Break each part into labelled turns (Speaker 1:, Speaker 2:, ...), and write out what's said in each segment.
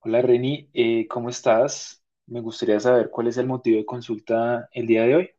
Speaker 1: Hola Reni, ¿cómo estás? Me gustaría saber cuál es el motivo de consulta el día de hoy.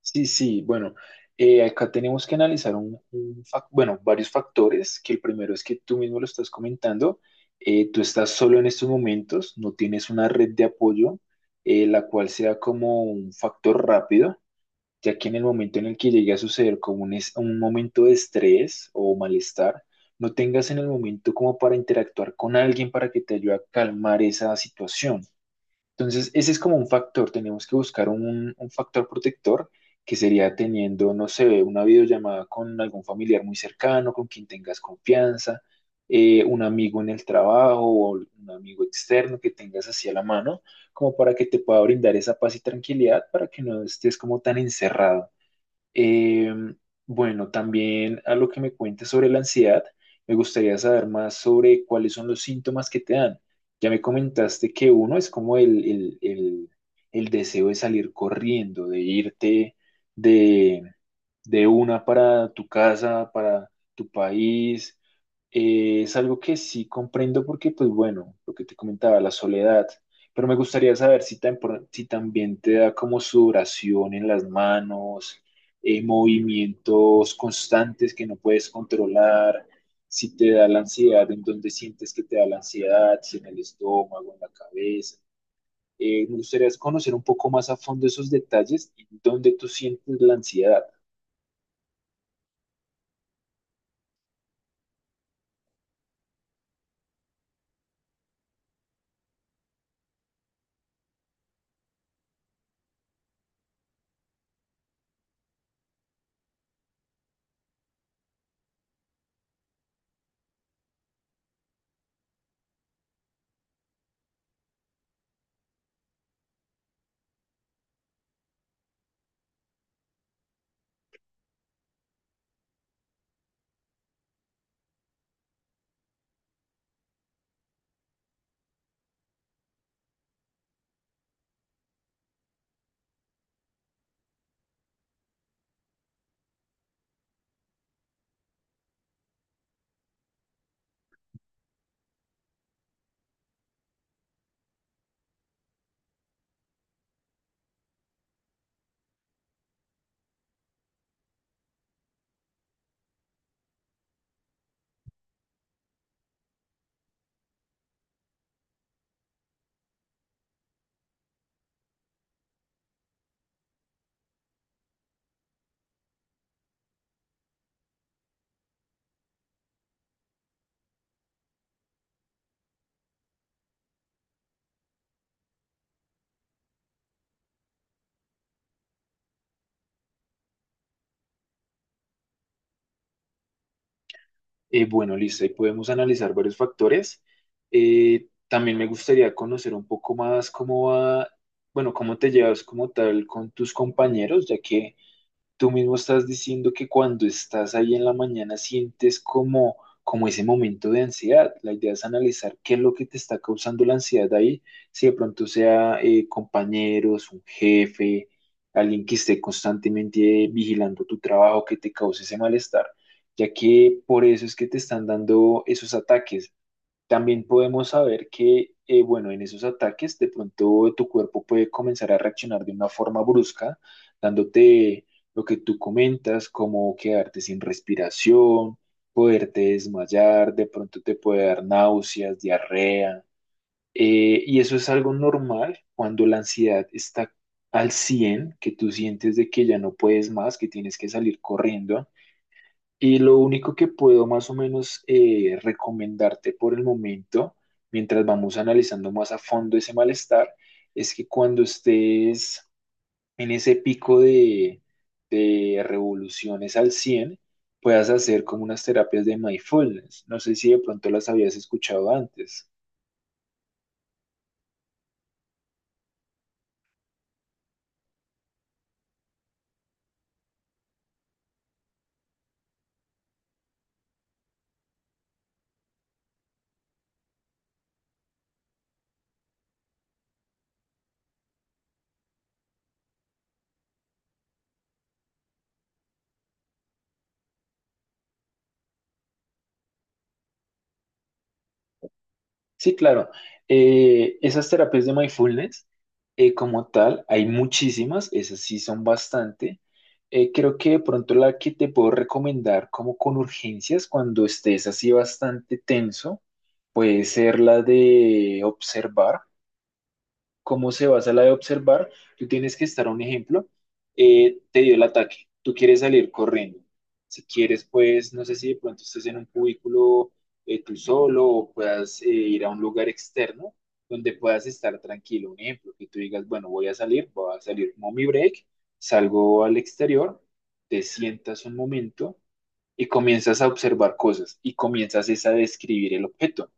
Speaker 1: Sí, sí, bueno, acá tenemos que analizar varios factores, que el primero es que tú mismo lo estás comentando, tú estás solo en estos momentos, no tienes una red de apoyo, la cual sea como un factor rápido, ya que en el momento en el que llegue a suceder como un momento de estrés o malestar, no tengas en el momento como para interactuar con alguien para que te ayude a calmar esa situación. Entonces, ese es como un factor, tenemos que buscar un factor protector que sería teniendo, no sé, una videollamada con algún familiar muy cercano, con quien tengas confianza, un amigo en el trabajo o un amigo externo que tengas así a la mano, como para que te pueda brindar esa paz y tranquilidad para que no estés como tan encerrado. Eh, bueno, también a lo que me cuentes sobre la ansiedad, me gustaría saber más sobre cuáles son los síntomas que te dan. Ya me comentaste que uno es como el deseo de salir corriendo, de irte de, de una para tu casa, para tu país. Es algo que sí comprendo porque, pues bueno, lo que te comentaba, la soledad, pero me gustaría saber si, si también te da como sudoración en las manos, movimientos constantes que no puedes controlar, si te da la ansiedad, en dónde sientes que te da la ansiedad, si en el estómago, en la cabeza. Me gustaría conocer un poco más a fondo esos detalles y dónde tú sientes la ansiedad. Bueno, listo, ahí podemos analizar varios factores. También me gustaría conocer un poco más cómo va, bueno, cómo te llevas como tal con tus compañeros, ya que tú mismo estás diciendo que cuando estás ahí en la mañana sientes como, como ese momento de ansiedad. La idea es analizar qué es lo que te está causando la ansiedad ahí, si de pronto sea compañeros, un jefe, alguien que esté constantemente vigilando tu trabajo, que te cause ese malestar, ya que por eso es que te están dando esos ataques. También podemos saber que, bueno, en esos ataques de pronto tu cuerpo puede comenzar a reaccionar de una forma brusca, dándote lo que tú comentas, como quedarte sin respiración, poderte desmayar, de pronto te puede dar náuseas, diarrea. Y eso es algo normal cuando la ansiedad está al 100%, que tú sientes de que ya no puedes más, que tienes que salir corriendo. Y lo único que puedo más o menos recomendarte por el momento, mientras vamos analizando más a fondo ese malestar, es que cuando estés en ese pico de revoluciones al 100%, puedas hacer como unas terapias de mindfulness. No sé si de pronto las habías escuchado antes. Sí, claro. Esas terapias de mindfulness, como tal, hay muchísimas, esas sí son bastante. Creo que de pronto la que te puedo recomendar como con urgencias cuando estés así bastante tenso, puede ser la de observar, cómo se basa la de observar, tú tienes que estar, un ejemplo, te dio el ataque, tú quieres salir corriendo. Si quieres, pues, no sé si de pronto estés en un cubículo, tú solo, o puedas ir a un lugar externo donde puedas estar tranquilo. Un ejemplo, que tú digas, bueno, voy a salir mommy break, salgo al exterior, te sientas un momento y comienzas a observar cosas y comienzas es a describir el objeto.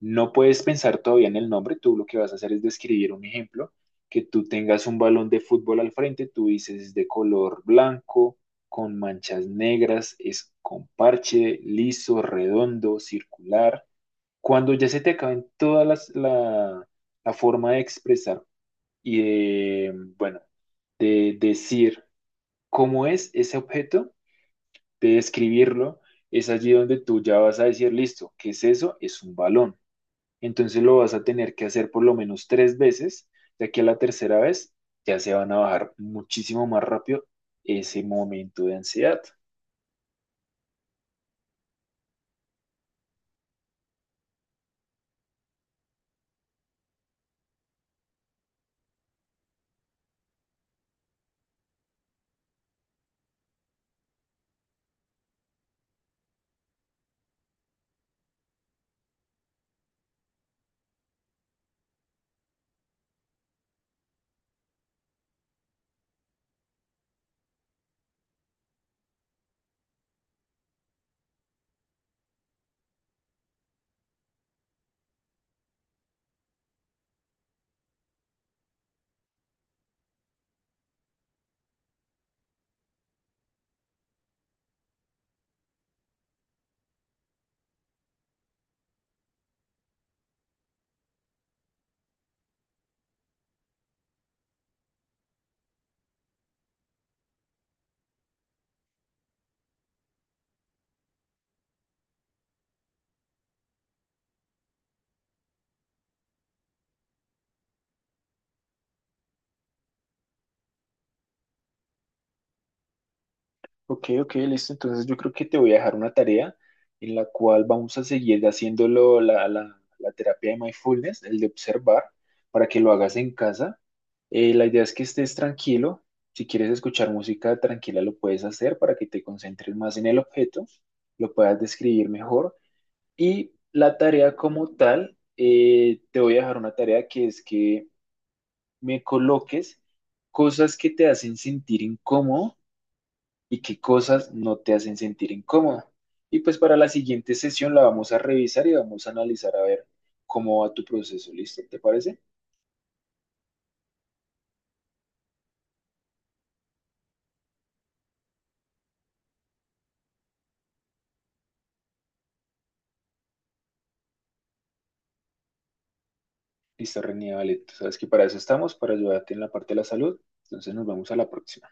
Speaker 1: No puedes pensar todavía en el nombre, tú lo que vas a hacer es describir, un ejemplo, que tú tengas un balón de fútbol al frente, tú dices es de color blanco, con manchas negras, es con parche, liso, redondo, circular. Cuando ya se te acaben todas la forma de expresar y de, bueno, de decir cómo es ese objeto, de describirlo, es allí donde tú ya vas a decir, listo, ¿qué es eso? Es un balón. Entonces lo vas a tener que hacer por lo menos 3 veces, ya que a la tercera vez ya se van a bajar muchísimo más rápido ese momento de ansiedad. Ok, ok, listo. Entonces yo creo que te voy a dejar una tarea en la cual vamos a seguir haciéndolo, la terapia de mindfulness, el de observar, para que lo hagas en casa. La idea es que estés tranquilo. Si quieres escuchar música tranquila, lo puedes hacer para que te concentres más en el objeto, lo puedas describir mejor. Y la tarea como tal, te voy a dejar una tarea que es que me coloques cosas que te hacen sentir incómodo y qué cosas no te hacen sentir incómoda. Y pues para la siguiente sesión la vamos a revisar y vamos a analizar a ver cómo va tu proceso. ¿Listo? ¿Te parece? Listo, René, vale. Tú sabes que para eso estamos, para ayudarte en la parte de la salud. Entonces nos vemos a la próxima.